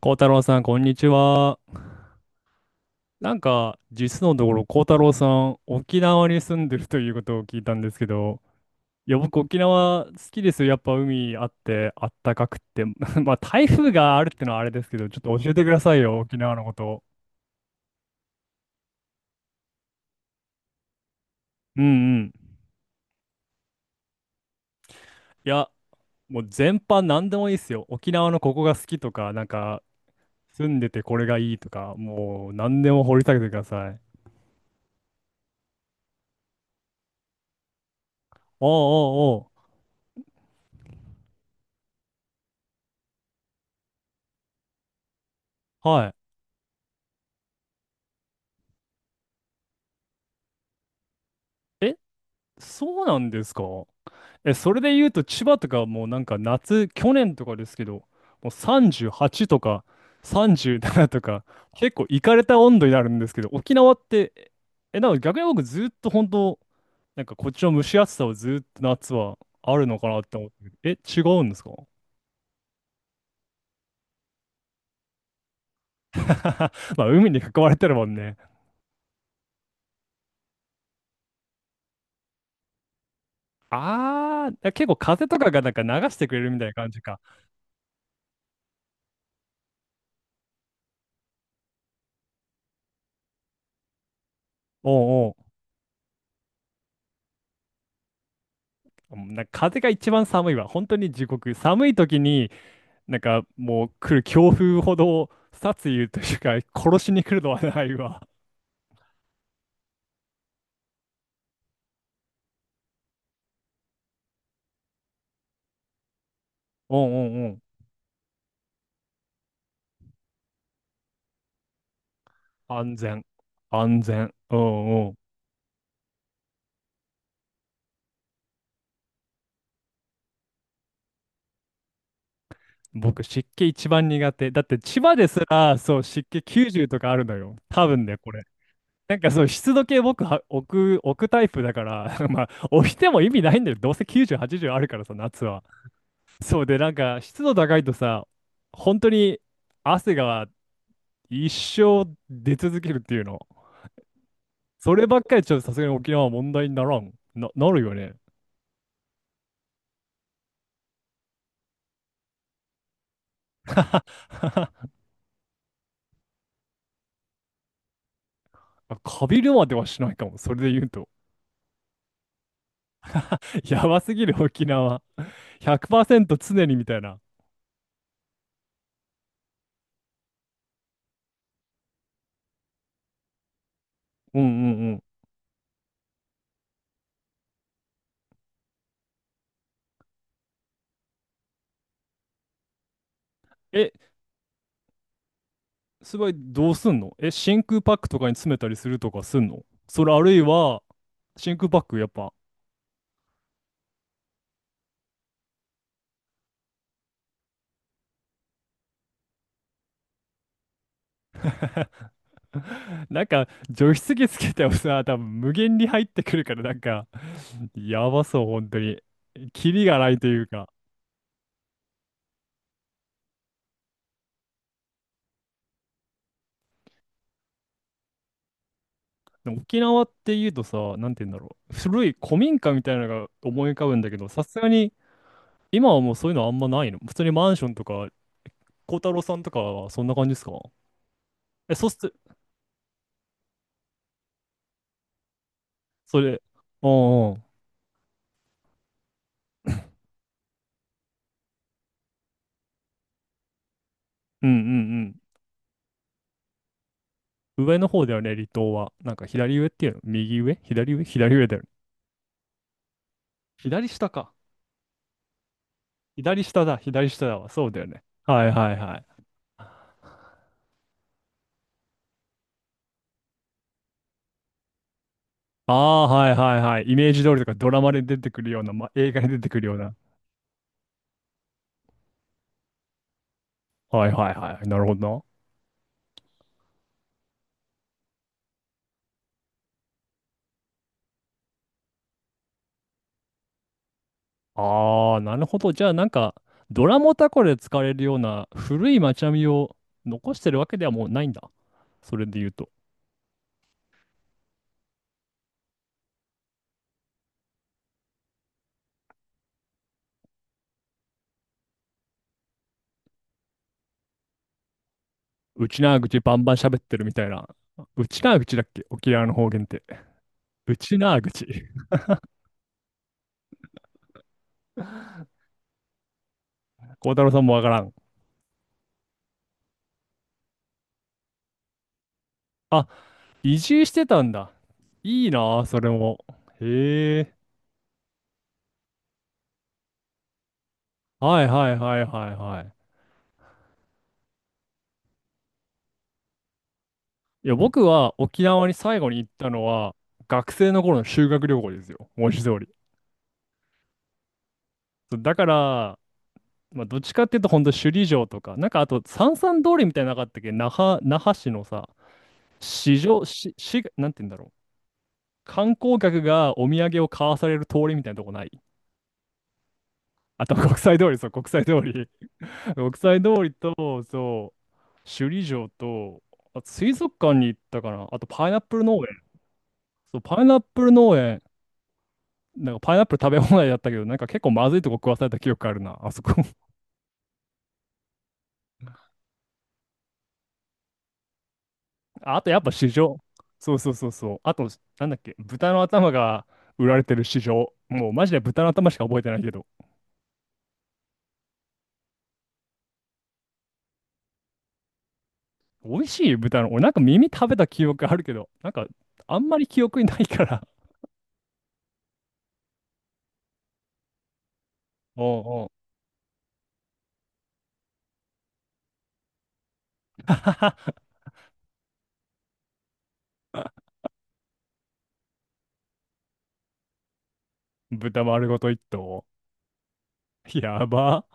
孝太郎さん、こんにちは。なんか、実のところ、孝太郎さん、沖縄に住んでるということを聞いたんですけど、いや、僕、沖縄好きですよ。やっぱ海あって、あったかくって。まあ、台風があるってのはあれですけど、ちょっと教えてくださいよ、沖縄のこと。うんうん。いや、もう全般何でもいいですよ。沖縄のここが好きとか、なんか、住んでてこれがいいとか、もう何でも掘り下げてください。おうおうおう。はい。えそうなんですか。え、それで言うと千葉とかもうなんか夏、去年とかですけど、もう38とか37とか、結構いかれた温度になるんですけど、沖縄って、え、だから逆に僕ずっと本当、なんかこっちの蒸し暑さをずっと夏はあるのかなって思ってる、え、違うんですか？ まあ海に囲まれてるもんね。あー、結構風とかがなんか流してくれるみたいな感じか。おうおう。んなんか風が一番寒いわ。本当に地獄。寒い時になんかもう来る強風ほど殺意というか殺しに来るのはないわ。うんうんうん。安全。安全。うんうん。僕湿気一番苦手。だって千葉ですらそう湿気90とかあるのよ。多分ね、これ。なんかそう湿度計僕は置くタイプだから まあ置いても意味ないんだよ。どうせ90、80あるからさ、夏は。そうでなんか湿度高いとさ、本当に汗が一生出続けるっていうの。そればっかりちょっとさすがに沖縄は問題にならん。なるよね。カビるまではしないかも。それで言うと。やばすぎる沖縄。100%常にみたいな。うんうんうん。え、すごいどうすんの？え、真空パックとかに詰めたりするとかすんの？それあるいは、真空パックやっぱ。なんか、除湿機つけてもさ、多分無限に入ってくるから、なんか、やばそう、本当に。キリがないというか。でも沖縄って言うとさ、なんて言うんだろう。古い古民家みたいなのが思い浮かぶんだけど、さすがに今はもうそういうのあんまないの。普通にマンションとか、孝太郎さんとかはそんな感じですか？え、そうす、それ、うんうん、うんうんうん。上の方だよね、離島は。なんか左上っていうの？右上、左上、左上だよね。左下か。左下だ、左下だわ。そうだよね。はいはいはい。ああ、はいはいはい。イメージ通りとかドラマで出てくるような、ま映画に出てくるような。はいはいはい。なるほどな。ああ、なるほど。じゃあ、なんか、ドラモタコで使われるような古い街並みを残してるわけではもうないんだ。それで言うと、うちなーぐちバンバン喋ってるみたいな。うちなーぐちだっけ沖縄の方言って。うちなーぐち。孝太郎さんもわからん？あ、移住してたんだ。いいなあ、それも。へえ。はいはいはいはいはい。いや、僕は沖縄に最後に行ったのは、学生の頃の修学旅行ですよ。文字通り。そうだから、まあ、どっちかっていうと、ほんと首里城とか、なんかあと、三々通りみたいなのなかったっけ那覇、那覇市のさ、市場、なんて言うんだろう。観光客がお土産を買わされる通りみたいなとこない？あと、国際通り、そう、国際通り。国際通りと、そう、首里城と、あ、水族館に行ったかな。あと、パイナップル農園。そう、パイナップル農園。なんか、パイナップル食べ放題だったけど、なんか結構まずいとこ食わされた記憶あるな、あそこ。ああ、とやっぱ市場。そうそうそうそう。あと、なんだっけ、豚の頭が売られてる市場。もうマジで豚の頭しか覚えてないけど。美味しい豚の、俺なんか耳食べた記憶あるけど、なんかあんまり記憶にないから。おうおう。豚丸ごと一頭。やば。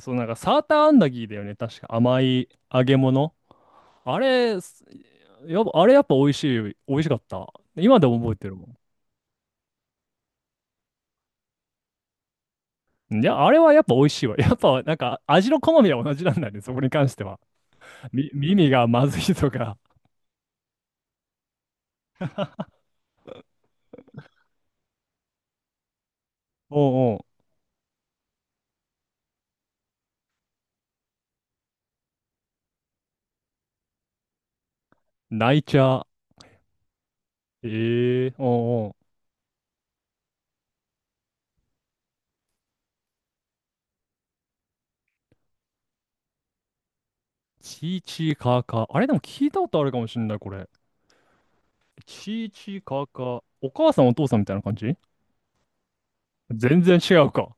そう、なんかサーターアンダギーだよね。確か甘い揚げ物。あれ、すやっぱ、あれやっぱ美味しい。美味しかった。今でも覚えてるもん。いや、あれはやっぱ美味しいわ。やっぱなんか味の好みは同じなんだね、そこに関しては。耳がまずいとか。おうおう。泣いちゃう。ええおうおう。チーチーカーカー。あれでも聞いたことあるかもしれない、これ。チーチーカーカー。お母さんお父さんみたいな感じ？全然違うか。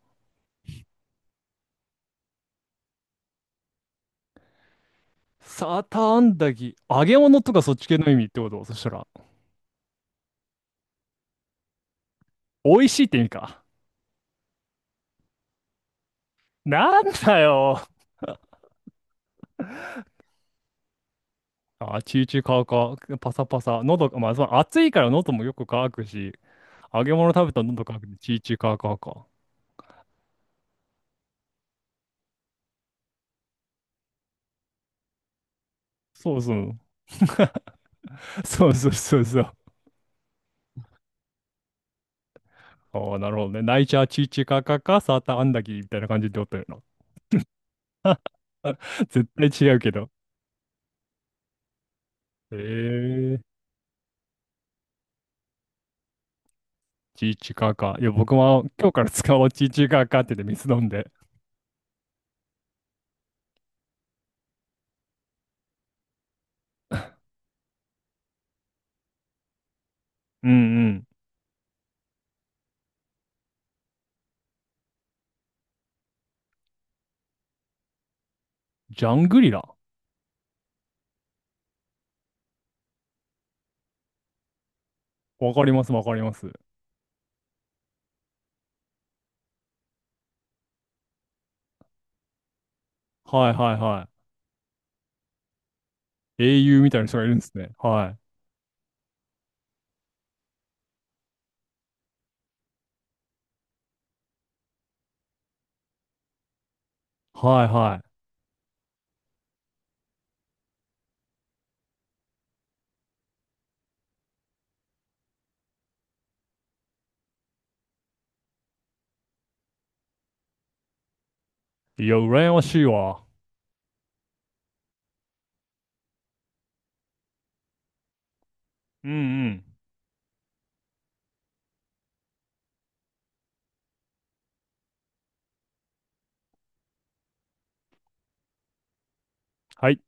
サーターアンダギー。揚げ物とかそっち系の意味ってことそしたら？美味しいって意味か。なんだよ。あ、チーチーカーカー。パサパサ。喉が、まあ、その暑いから喉もよく乾くし。揚げ物食べたら喉乾くんで、チーチーカーカーか。そうそう。そうそうそうそう。ああ、なるほどね。ナイチャーチーチーカーカーカー、サーターアンダギーみたいな感じでおったよな。絶対違うけど。えー、チーチーカーカー。いや、僕も今日から使おう、チーチーカーカーって言って水飲んで。うんうん。ジャングリラ。わかります、わかります。はいはいはい。英雄みたいな人がいるんですね。はい。はいはい。いや、羨ましいわ。うんうん。はい。